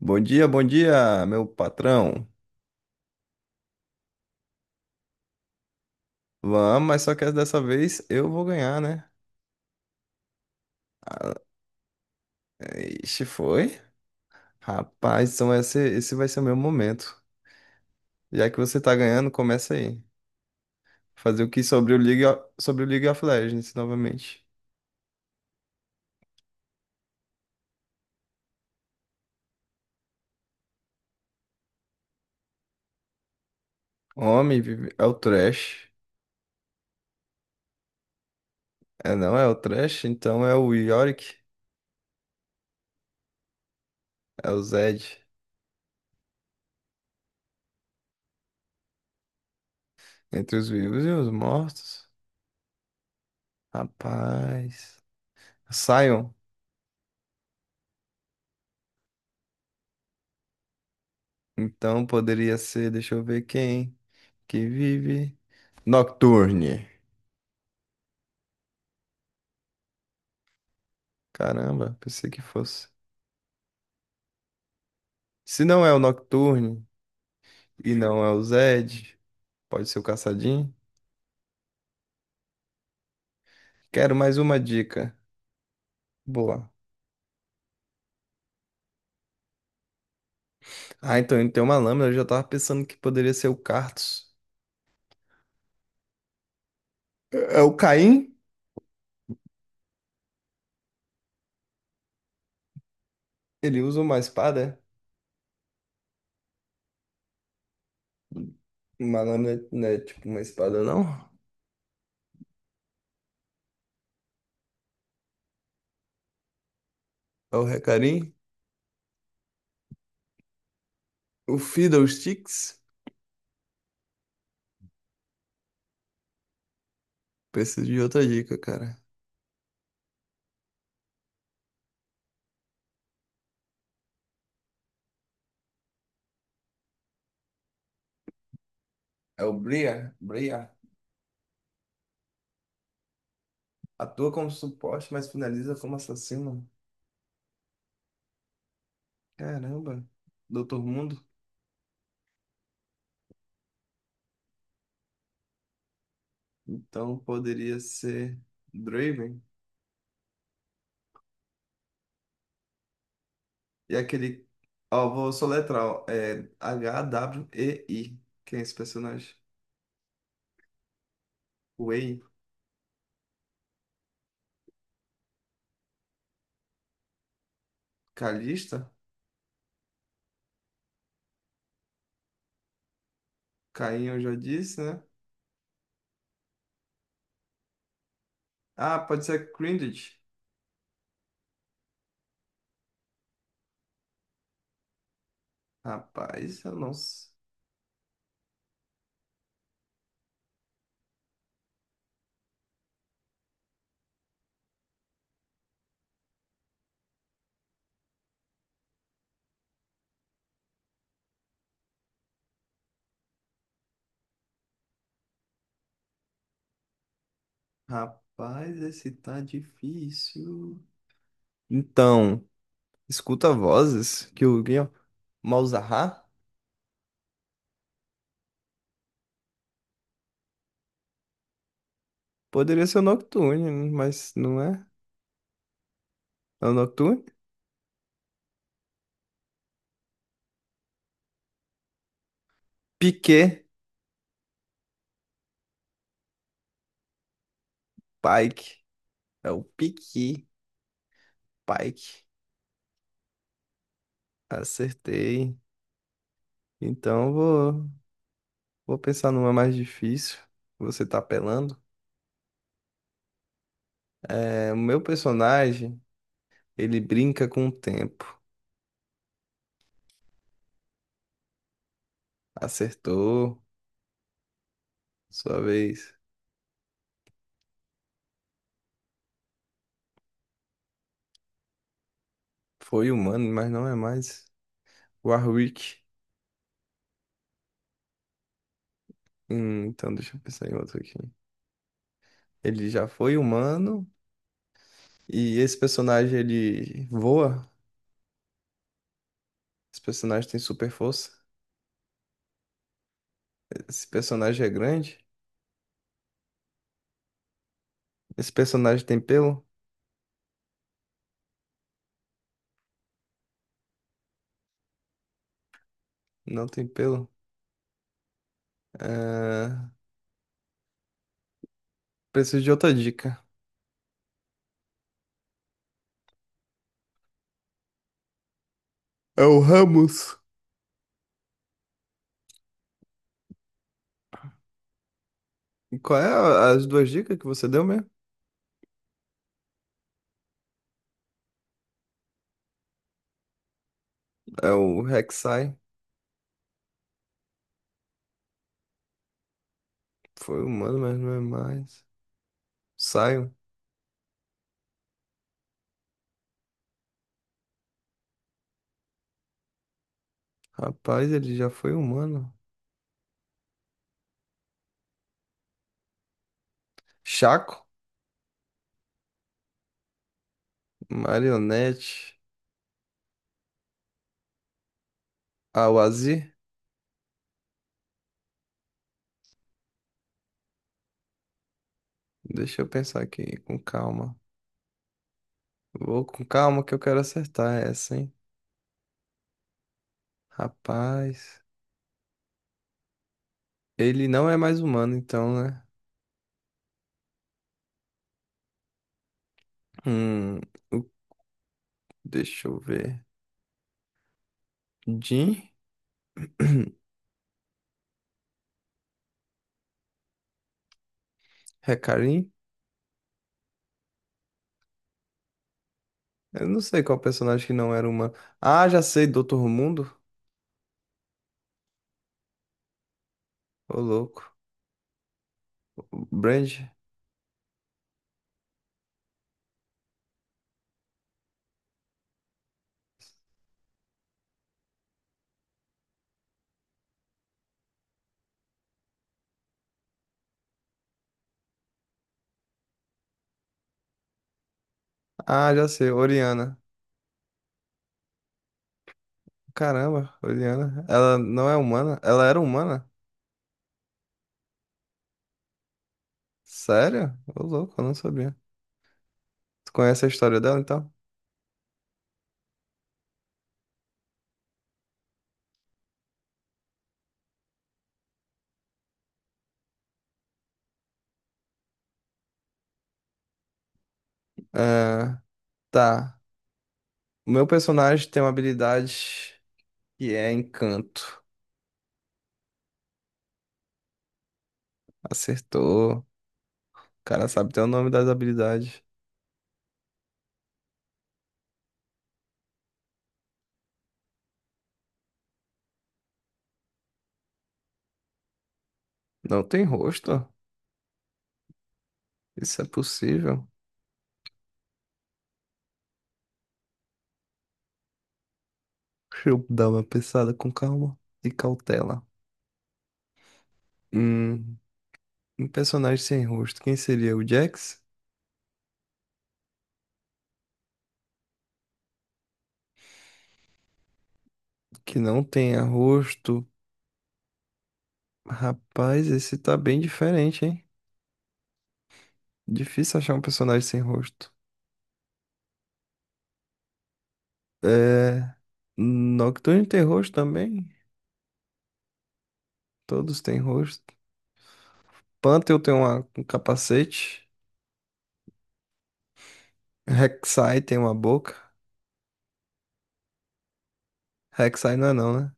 Bom dia, meu patrão. Vamos, mas só que dessa vez eu vou ganhar, né? Ixi, foi? Rapaz, então esse vai ser o meu momento. Já que você tá ganhando, começa aí. Fazer o que sobre o sobre o League of Legends novamente. Homem, é o Thresh. É, não é o Thresh, então é o Yorick, é o Zed. Entre os vivos e os mortos. Rapaz. Sion. Então poderia ser, deixa eu ver quem. Que vive. Nocturne. Caramba, pensei que fosse. Se não é o Nocturne e não é o Zed, pode ser o Caçadinho. Quero mais uma dica. Boa. Ah, então ele tem uma lâmina. Eu já tava pensando que poderia ser o Cartus. É o Caim? Ele usa uma espada? É? Uma lâmina não é tipo uma espada, não? É o Recarim? O Fiddlesticks? Preciso de outra dica, cara. É o Briar? Bria. Atua como suporte, mas finaliza como assassino. Caramba, Doutor Mundo? Então poderia ser Draven. E aquele. Ó, vou soletrar, ó. É H-W-E-I. Quem é esse personagem? Wei. Kalista? Caim eu já disse, né? Ah, pode ser Grinded. Rapaz, eu não. s- Rapaz, esse tá difícil. Então, escuta vozes que o Guion. Malzahar? Poderia ser o Nocturne, mas não é? É o Nocturne? Piquet. Pike. É o Piqui, Pike. Acertei. Então eu vou, vou pensar numa mais difícil. Você tá apelando? É, o meu personagem, ele brinca com o tempo. Acertou. Sua vez. Foi humano, mas não é mais. Warwick. Então deixa eu pensar em outro aqui. Ele já foi humano. E esse personagem, ele voa. Esse personagem tem super força. Esse personagem é grande. Esse personagem tem pelo? Não tem pelo. É, preciso de outra dica. É o Ramos. E qual é as duas dicas que você deu mesmo? É o Rek'Sai. Foi humano, mas não é mais. Sion. Rapaz, ele já foi humano. Chaco. Marionete. Awazir. Deixa eu pensar aqui, com calma. Vou com calma que eu quero acertar essa, hein? Rapaz. Ele não é mais humano, então, né? Hum, o- deixa eu ver. Jin? Recarim? Eu não sei qual personagem que não era humano. Ah, já sei, Doutor Mundo. Ô, louco. Brand. Ah, já sei, Oriana. Caramba, Oriana. Ela não é humana? Ela era humana? Sério? Ô, louco, eu não sabia. Tu conhece a história dela, então? É, tá. O meu personagem tem uma habilidade que é encanto. Acertou. Cara sabe até o nome das habilidades. Não tem rosto? Isso é possível? Deixa eu dar uma pensada com calma e cautela. Hum, um personagem sem rosto. Quem seria o Jax? Que não tenha rosto. Rapaz, esse tá bem diferente, hein? Difícil achar um personagem sem rosto. É. Nocturne tem rosto também? Todos têm rosto. Panther tem um capacete. Rek'Sai tem uma boca. Rek'Sai não é não, né?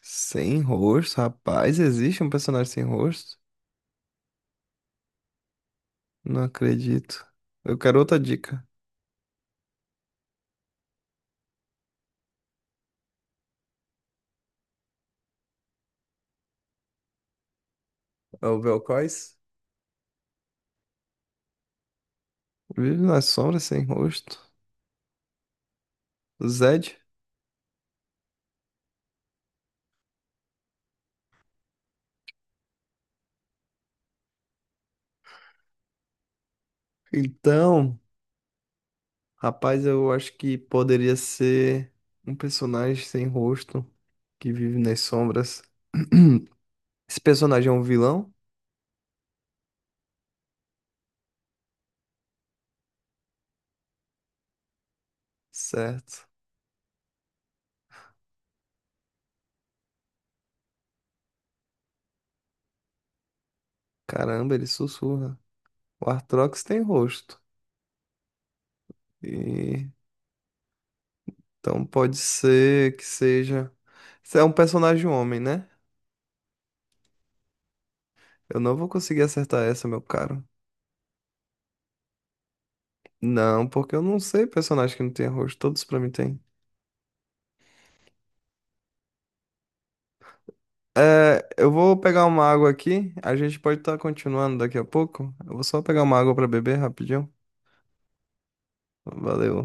Sem rosto, rapaz, existe um personagem sem rosto? Não acredito. Eu quero outra dica. É o Belcois? Vive nas sombras sem rosto. Zed? Então, rapaz, eu acho que poderia ser um personagem sem rosto que vive nas sombras. Esse personagem é um vilão? Certo. Caramba, ele sussurra. O Arthrox tem rosto. E então pode ser que seja. Você é um personagem homem, né? Eu não vou conseguir acertar essa, meu caro. Não, porque eu não sei personagem que não tem rosto. Todos pra mim tem. É, eu vou pegar uma água aqui. A gente pode estar continuando daqui a pouco. Eu vou só pegar uma água pra beber rapidinho. Valeu.